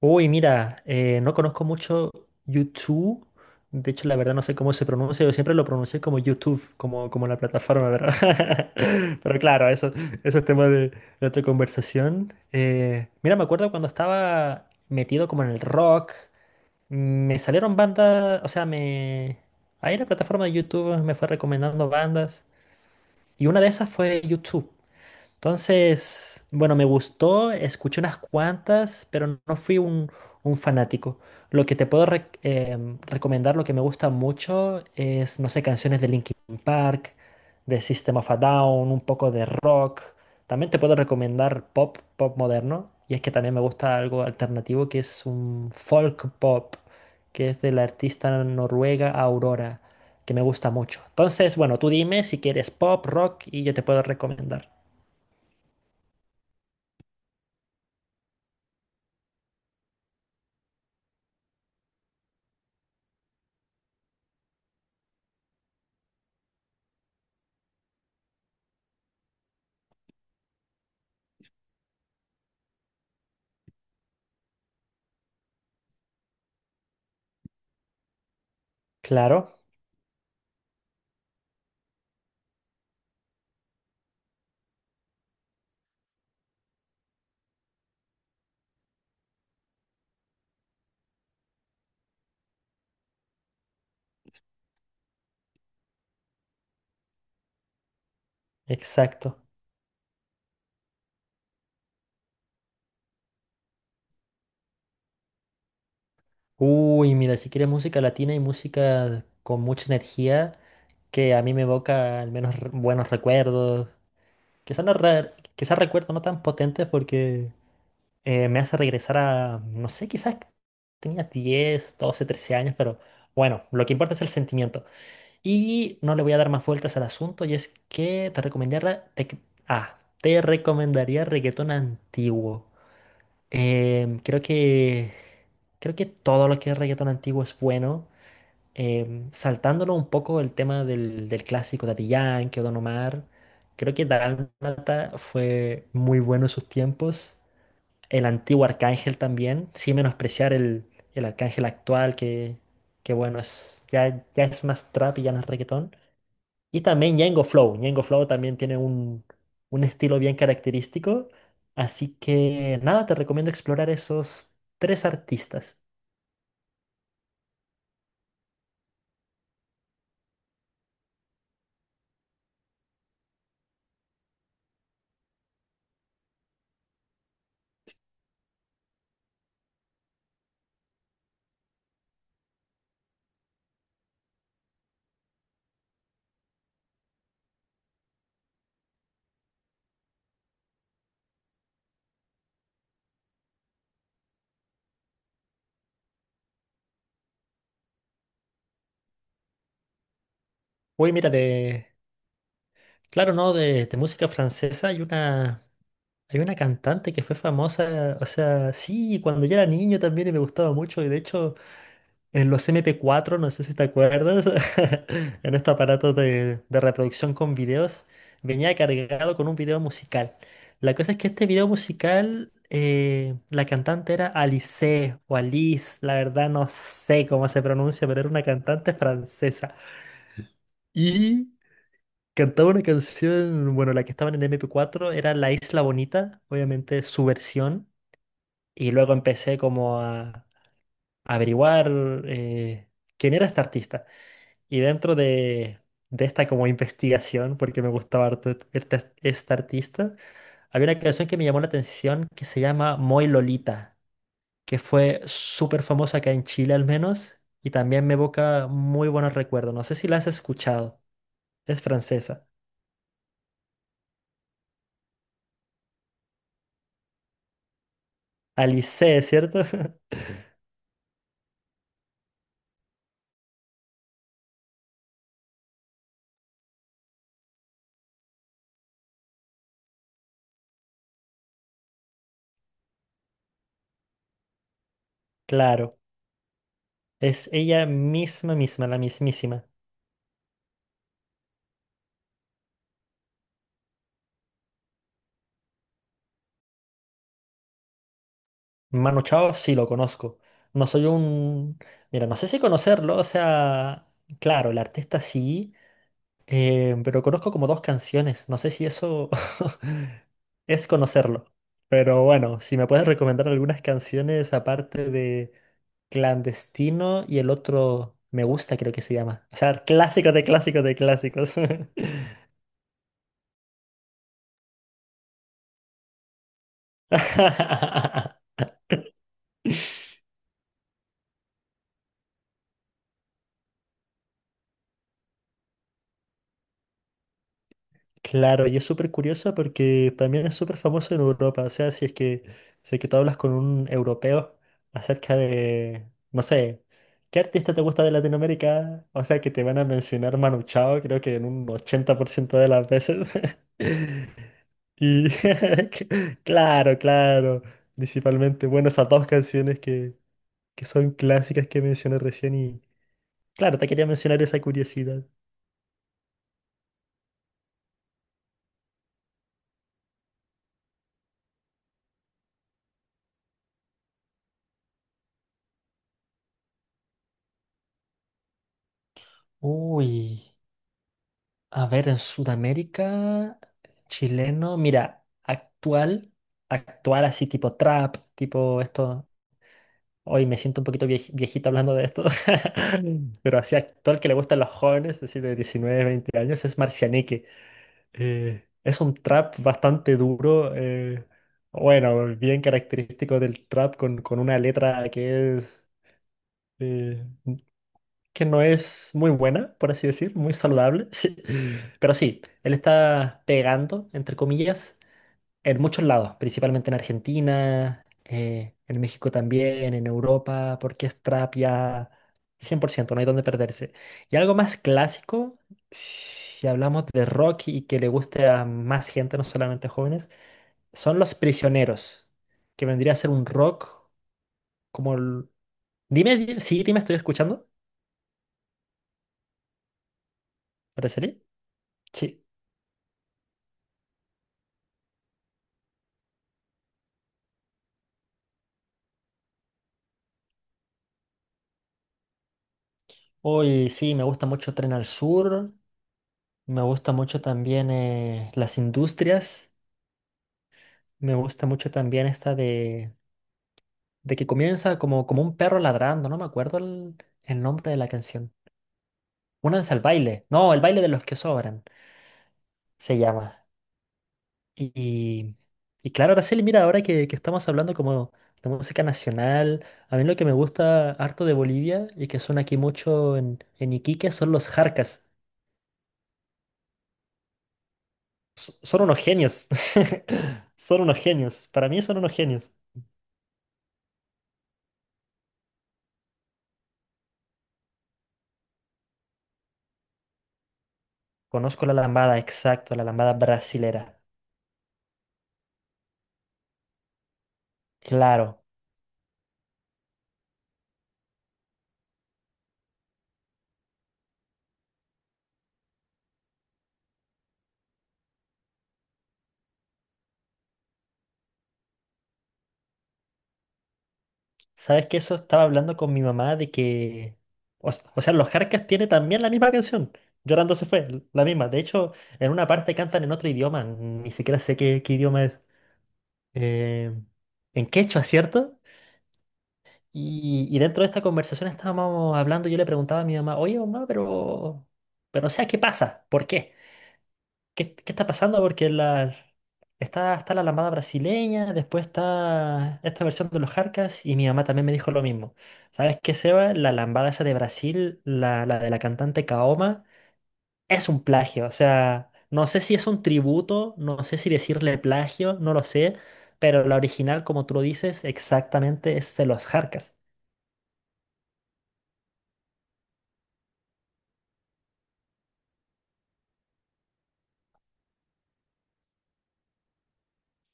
Uy, mira, no conozco mucho YouTube. De hecho, la verdad no sé cómo se pronuncia. Yo siempre lo pronuncié como YouTube, como la plataforma, ¿verdad? Pero claro, eso es tema de otra conversación. Mira, me acuerdo cuando estaba metido como en el rock, me salieron bandas, o sea, Ahí la plataforma de YouTube me fue recomendando bandas y una de esas fue YouTube. Entonces, bueno, me gustó, escuché unas cuantas, pero no fui un fanático. Lo que te puedo recomendar, lo que me gusta mucho es, no sé, canciones de Linkin Park, de System of a Down, un poco de rock. También te puedo recomendar pop, pop moderno. Y es que también me gusta algo alternativo que es un folk pop, que es de la artista noruega Aurora, que me gusta mucho. Entonces, bueno, tú dime si quieres pop, rock y yo te puedo recomendar. Claro, exacto. Uy, mira, si quieres música latina y música con mucha energía, que a mí me evoca al menos buenos recuerdos, quizás no quizás recuerdos no tan potentes porque me hace regresar a, no sé, quizás tenía 10, 12, 13 años, pero bueno, lo que importa es el sentimiento. Y no le voy a dar más vueltas al asunto y es que te recomendaría reggaetón antiguo. Em, creo que creo que todo lo que es reggaetón antiguo es bueno. Saltándolo un poco el tema del clásico Daddy Yankee o Don Omar, creo que Dálmata fue muy bueno en sus tiempos. El antiguo Arcángel también, sin menospreciar el Arcángel actual que bueno, es, ya es más trap y ya no es reggaetón. Y también Django Flow. Django Flow también tiene un estilo bien característico. Así que nada, te recomiendo explorar esos tres artistas. Uy, mira, de. Claro, no, de música francesa hay una. Hay una cantante que fue famosa. O sea, sí, cuando yo era niño también y me gustaba mucho. Y de hecho. En los MP4, no sé si te acuerdas, en este aparato de reproducción con videos, venía cargado con un video musical. La cosa es que este video musical, la cantante era Alice o Alice, la verdad no sé cómo se pronuncia, pero era una cantante francesa. Y cantaba una canción, bueno, la que estaba en el MP4 era La Isla Bonita, obviamente su versión. Y luego empecé como a, averiguar eh, quién era esta artista. Y dentro de esta como investigación, porque me gustaba harto este artista, había una canción que me llamó la atención que se llama Moy Lolita, que fue súper famosa acá en Chile al menos, y también me evoca muy buenos recuerdos. No sé si la has escuchado, es francesa. Alice, ¿cierto? Claro, es ella misma, misma, la mismísima. Manu Chao sí lo conozco. No soy un... Mira, no sé si conocerlo, o sea, claro, el artista sí. Pero conozco como dos canciones, no sé si eso es conocerlo. Pero bueno, si me puedes recomendar algunas canciones aparte de Clandestino y el otro Me Gusta, creo que se llama. O sea, clásicos de clásicos de clásicos. Claro, y es súper curioso porque también es súper famoso en Europa. O sea, si es que tú hablas con un europeo acerca de, no sé, ¿qué artista te gusta de Latinoamérica? O sea, que te van a mencionar Manu Chao, creo que en un 80% de las veces. Y claro, claro, principalmente, bueno, esas dos canciones que son clásicas que mencioné recién y, claro, te quería mencionar esa curiosidad. Uy. A ver, en Sudamérica, chileno, mira, actual, actual así tipo trap, tipo esto. Hoy me siento un poquito viejito hablando de esto, Mm. Pero así actual que le gustan los jóvenes, así de 19 20 años, es Marcianeque. Es un trap bastante duro, bueno, bien característico del trap con una letra que es... eh, que no es muy buena, por así decir, muy saludable. Pero sí, él está pegando, entre comillas, en muchos lados, principalmente en Argentina, en México también, en Europa, porque es trap ya 100%, no hay donde perderse. Y algo más clásico, si hablamos de rock y que le guste a más gente, no solamente jóvenes, son Los Prisioneros, que vendría a ser un rock como el... Dime, sí, dime, estoy escuchando, ¿parecería? Hoy sí, me gusta mucho Tren al Sur, me gusta mucho también las industrias, me gusta mucho también esta de que comienza como, como un perro ladrando, no me acuerdo el nombre de la canción. Únanse al baile, no, el baile de los que sobran se llama. Y, y, y claro, Araceli, mira, ahora que estamos hablando como de música nacional, a mí lo que me gusta harto de Bolivia y que suena aquí mucho en Iquique son los jarcas. Son unos genios. Son unos genios. Para mí son unos genios. Conozco la lambada, exacto, la lambada brasilera. Claro. ¿Sabes que eso estaba hablando con mi mamá de que... O, o sea, los Jarcas tiene también la misma canción. Llorando se fue, la misma. De hecho, en una parte cantan en otro idioma. Ni siquiera sé qué, qué idioma es. Eh, en quechua, ¿cierto? Y dentro de esta conversación estábamos hablando, yo le preguntaba a mi mamá, oye mamá, pero... Pero o sea, ¿qué pasa? ¿Por qué? ¿Qué está pasando? Porque está la lambada brasileña, después está esta versión de los Jarcas y mi mamá también me dijo lo mismo. ¿Sabes qué, Seba? La lambada esa de Brasil, la de la cantante Kaoma, es un plagio. O sea, no sé si es un tributo, no sé si decirle plagio, no lo sé, pero la original, como tú lo dices, exactamente es de los Jarcas.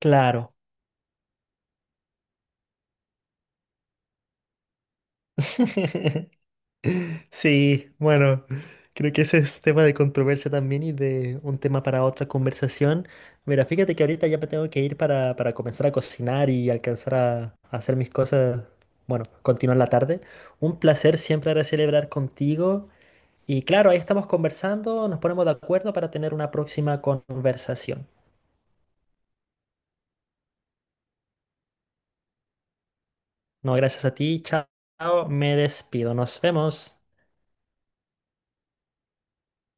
Claro. Sí, bueno, creo que ese es tema de controversia también y de un tema para otra conversación. Mira, fíjate que ahorita ya me tengo que ir para, comenzar a cocinar y alcanzar a hacer mis cosas, bueno, continuar la tarde. Un placer siempre ahora celebrar contigo y claro, ahí estamos conversando, nos ponemos de acuerdo para tener una próxima conversación. No, gracias a ti, chao, me despido, nos vemos.